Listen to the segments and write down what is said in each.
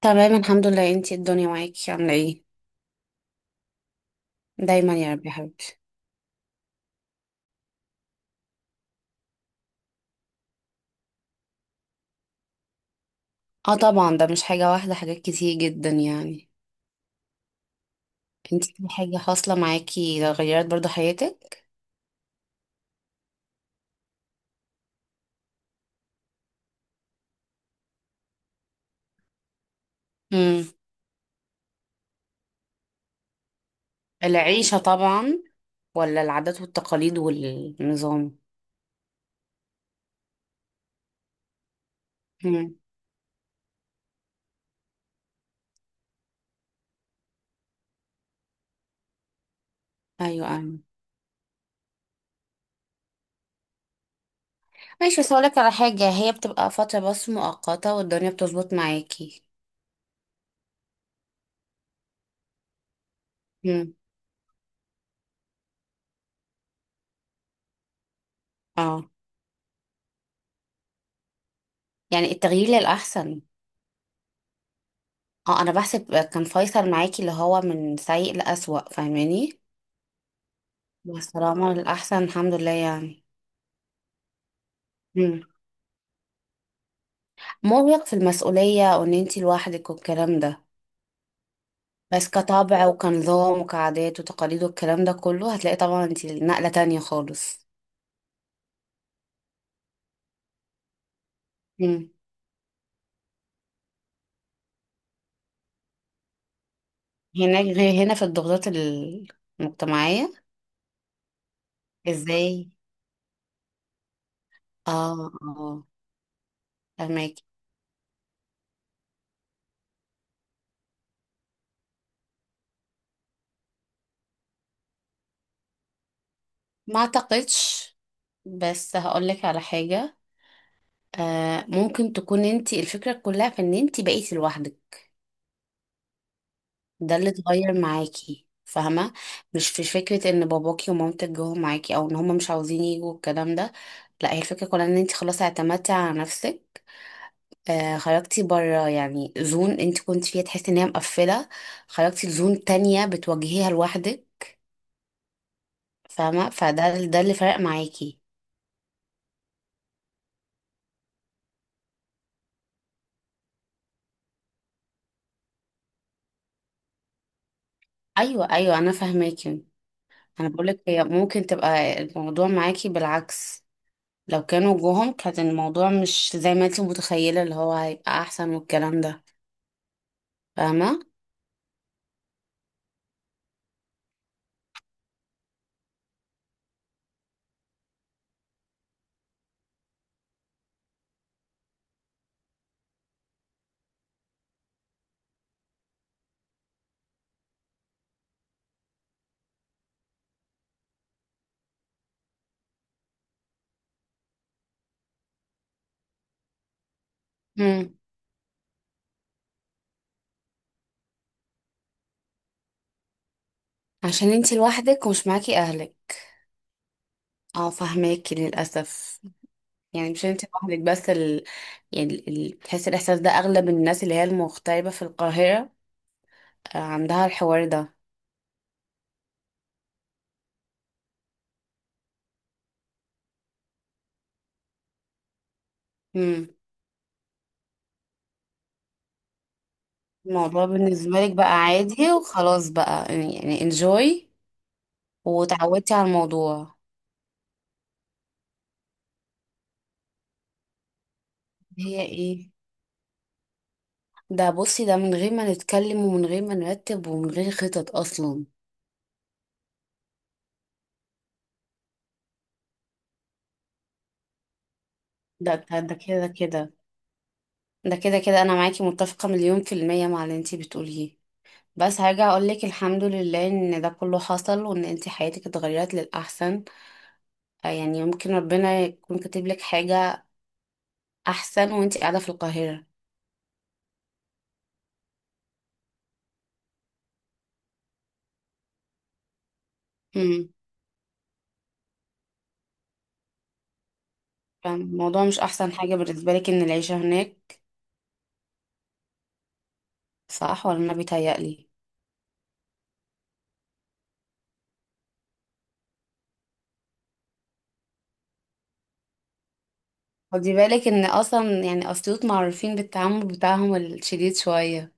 تمام، الحمد لله. انتي الدنيا معاكي عاملة ايه؟ دايما يا رب يا حبيبتي. اه طبعا، ده مش حاجة واحدة، حاجات كتير جدا يعني. انتي في حاجة حاصلة معاكي غيرت برضو حياتك؟ امم. العيشة طبعا. ولا العادات والتقاليد والنظام. امم. ايوه ايوه. ماشي، بس هقولك على حاجة، هي بتبقى فترة بس مؤقتة والدنيا بتظبط معاكي. امم. اه يعني التغيير للأحسن. اه انا بحسب كان فيصل معاكي اللي هو من سيء لأسوأ، فاهماني؟ مع السلامة الأحسن الحمد لله يعني. مم. مرهق في المسؤولية، وإن أنتي لوحدك والكلام ده. بس كطبع وكنظام وكعادات وتقاليد والكلام ده كله هتلاقي طبعا أنتي نقلة تانية خالص. مم. هناك غير هنا في الضغوطات المجتمعية. ازاي؟ اه اه. فهمك. ما اعتقدش، بس هقولك على حاجة، آه ممكن تكون أنتي الفكرة كلها في إن أنتي بقيتي لوحدك، ده اللي اتغير معاكي، فاهمة؟ مش في فكرة ان باباكي ومامتك جوه معاكي او ان هما مش عاوزين يجوا الكلام ده. لا، هي الفكرة كلها ان انت خلاص اعتمدتي على نفسك، آه خرجتي بره، يعني زون انت كنت فيها تحسي ان هي مقفلة، خرجتي لزون تانية بتواجهيها لوحدك، فاهمة؟ فده ده اللي فرق معاكي. ايوه ايوه، انا فاهماكي. انا بقولك هي ممكن تبقى الموضوع معاكي بالعكس، لو كانوا جوهم كان الموضوع مش زي ما انت متخيلة اللي هو هيبقى احسن والكلام ده، فاهمة؟ امم. عشان انتي لوحدك ومش معاكي اهلك. اه فاهماكي للأسف. يعني مش انتي لوحدك بس يعني بتحسي الإحساس ده أغلب الناس اللي هي المغتربة في القاهرة، آه، عندها الحوار ده. امم. الموضوع بالنسبة لك بقى عادي وخلاص بقى يعني انجوي، وتعودتي على الموضوع. هي ايه؟ ده بصي، ده من غير ما نتكلم ومن غير ما نرتب ومن غير خطط أصلا. ده كده كده. ده كده كده، انا معاكي متفقة مليون في المية مع اللي انتي بتقوليه. بس هرجع اقولك الحمد لله ان ده كله حصل وان انتي حياتك اتغيرت للاحسن، آه، يعني ممكن ربنا يكون كاتب لك حاجة احسن وانتي قاعدة في القاهرة. امم. فالموضوع مش احسن حاجة بالنسبة لك ان العيشة هناك، صح ولا انا بيتهيألي؟ خدي بالك ان اصلا يعني اسيوط معروفين بالتعامل بتاعهم الشديد شوية.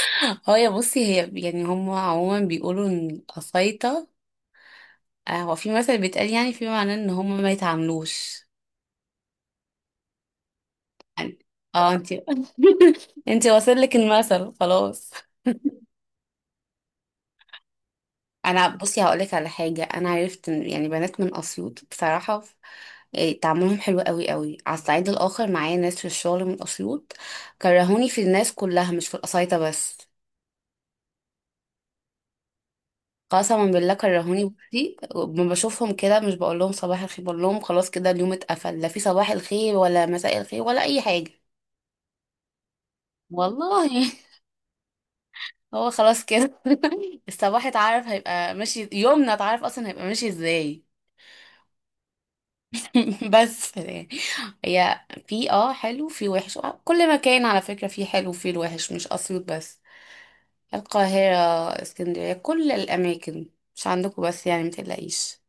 اه يا بصي هي، يعني هم عموما بيقولوا ان الأسيطة، آه، هو في مثل بيتقال يعني في معناه ان هم ما يتعاملوش يعني. اه انتي واصل لك المثل خلاص. انا بصي هقولك على حاجه، انا عرفت ان يعني بنات من اسيوط بصراحه، إيه، تعاملهم حلو قوي قوي. على الصعيد الاخر معايا ناس في الشغل من اسيوط كرهوني في الناس كلها مش في القصايطه بس. قسما بالله كرهوني، بصي ما بشوفهم كده مش بقول لهم صباح الخير، بقول لهم خلاص كده اليوم اتقفل، لا في صباح الخير ولا مساء الخير ولا اي حاجه. والله. هو خلاص كده. الصباح اتعرف هيبقى ماشي، يومنا اتعرف اصلا هيبقى ماشي ازاي. بس يعني، هي في اه حلو في وحش، آه، كل مكان على فكرة فيه حلو وفيه الوحش، مش اسيوط بس، القاهرة، اسكندرية، كل الاماكن، مش عندكم بس يعني، متقلقيش.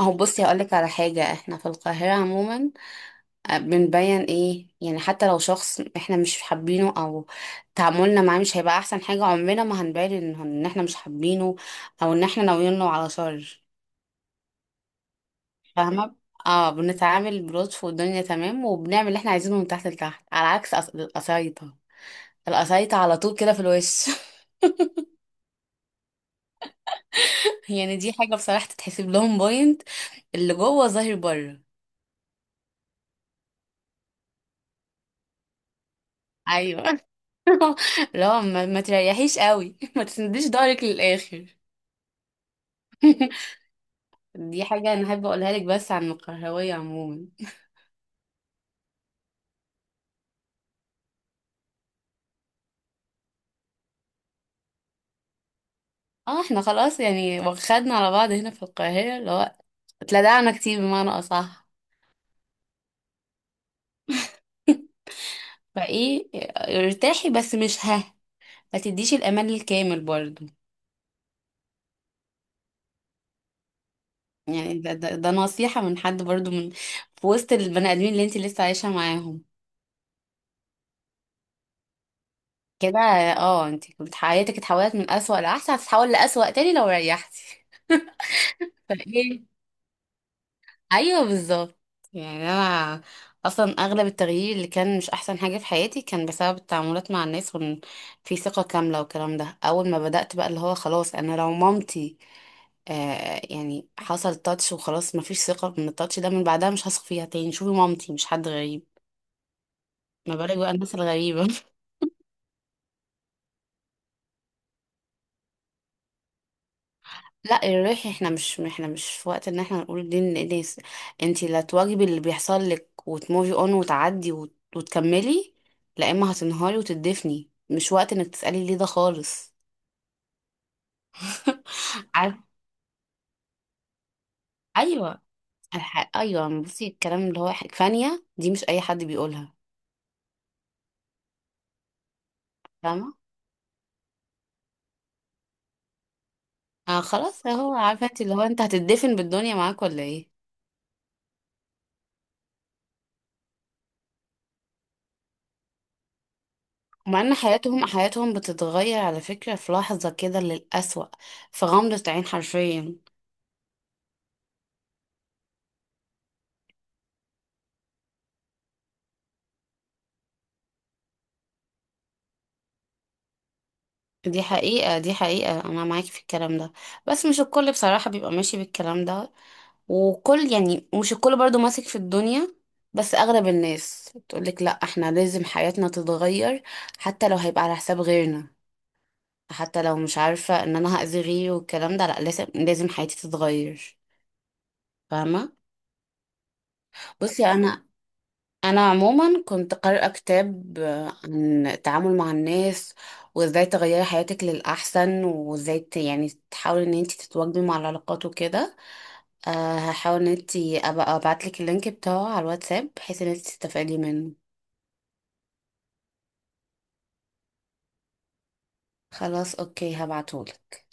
اهو بصي هقولك على حاجة، احنا في القاهرة عموما، آه، بنبين ايه يعني، حتى لو شخص احنا مش حابينه او تعاملنا معاه مش هيبقى احسن حاجة، عمرنا ما هنبين ان احنا مش حابينه او ان احنا ناويين له على شر، فاهمة؟ اه بنتعامل بلطف والدنيا تمام وبنعمل اللي احنا عايزينه من تحت لتحت، على عكس القسايطة، القسايطة على طول كده في الوش. يعني دي حاجة بصراحة تتحسب لهم بوينت، اللي جوه ظاهر بره. ايوه. لا ما تريحيش قوي، ما تسنديش ضهرك للاخر. دي حاجة أنا حابة أقولها لك بس عن القهوية عموما. اه احنا خلاص يعني واخدنا على بعض هنا في القاهرة اللي هو اتلدعنا كتير بمعنى أصح. فايه، ارتاحي بس مش ها، ما تديش الأمان الكامل برضو. يعني ده نصيحة من حد برضو، من في وسط البني آدمين اللي انت لسه عايشة معاهم كده. اه انت كنت حياتك اتحولت من أسوأ لأحسن، هتتحول لأسوأ تاني لو ريحتي. فايه، ايوه بالظبط. يعني انا اصلا اغلب التغيير اللي كان مش احسن حاجه في حياتي كان بسبب التعاملات مع الناس، وان في ثقه كامله والكلام ده. اول ما بدات بقى اللي هو خلاص انا لو مامتي، آه يعني حصل تاتش وخلاص مفيش ثقه، من التاتش ده من بعدها مش هثق فيها تاني. شوفي مامتي مش حد غريب، ما بالك بقى الناس الغريبه. لا الريح، احنا مش في وقت ان احنا نقول دي للناس. انتي لا تواجبي اللي بيحصل لك وتموفي اون وتعدي وتكملي. لا اما هتنهاري وتدفني مش وقت انك تسألي ليه ده خالص. عارف. ايوه ايوه بصي الكلام اللي هو فانية دي مش اي حد بيقولها. فاهمه. آه خلاص اهو عارفه انت اللي هو انت هتدفن بالدنيا معاك ولا ايه. ومع ان حياتهم بتتغير على فكره في لحظه كده للأسوأ، في غمضه عين حرفيا. دي حقيقة دي حقيقة، أنا معاكي في الكلام ده. بس مش الكل بصراحة بيبقى ماشي بالكلام ده، وكل يعني مش الكل برضو ماسك في الدنيا. بس أغلب الناس تقولك لأ احنا لازم حياتنا تتغير، حتى لو هيبقى على حساب غيرنا، حتى لو مش عارفة إن أنا هأذي غيري والكلام ده، لأ لازم لازم حياتي تتغير، فاهمة؟ بصي أنا، أنا عموما كنت قارئة كتاب، آه، عن التعامل مع الناس وازاي تغيري حياتك للأحسن وازاي يعني تحاولي ان انت تتواجدي مع العلاقات وكده. أه هحاول ان انت ابقى ابعتلك اللينك بتاعه على الواتساب بحيث ان انت تستفادي منه. خلاص اوكي هبعتهولك.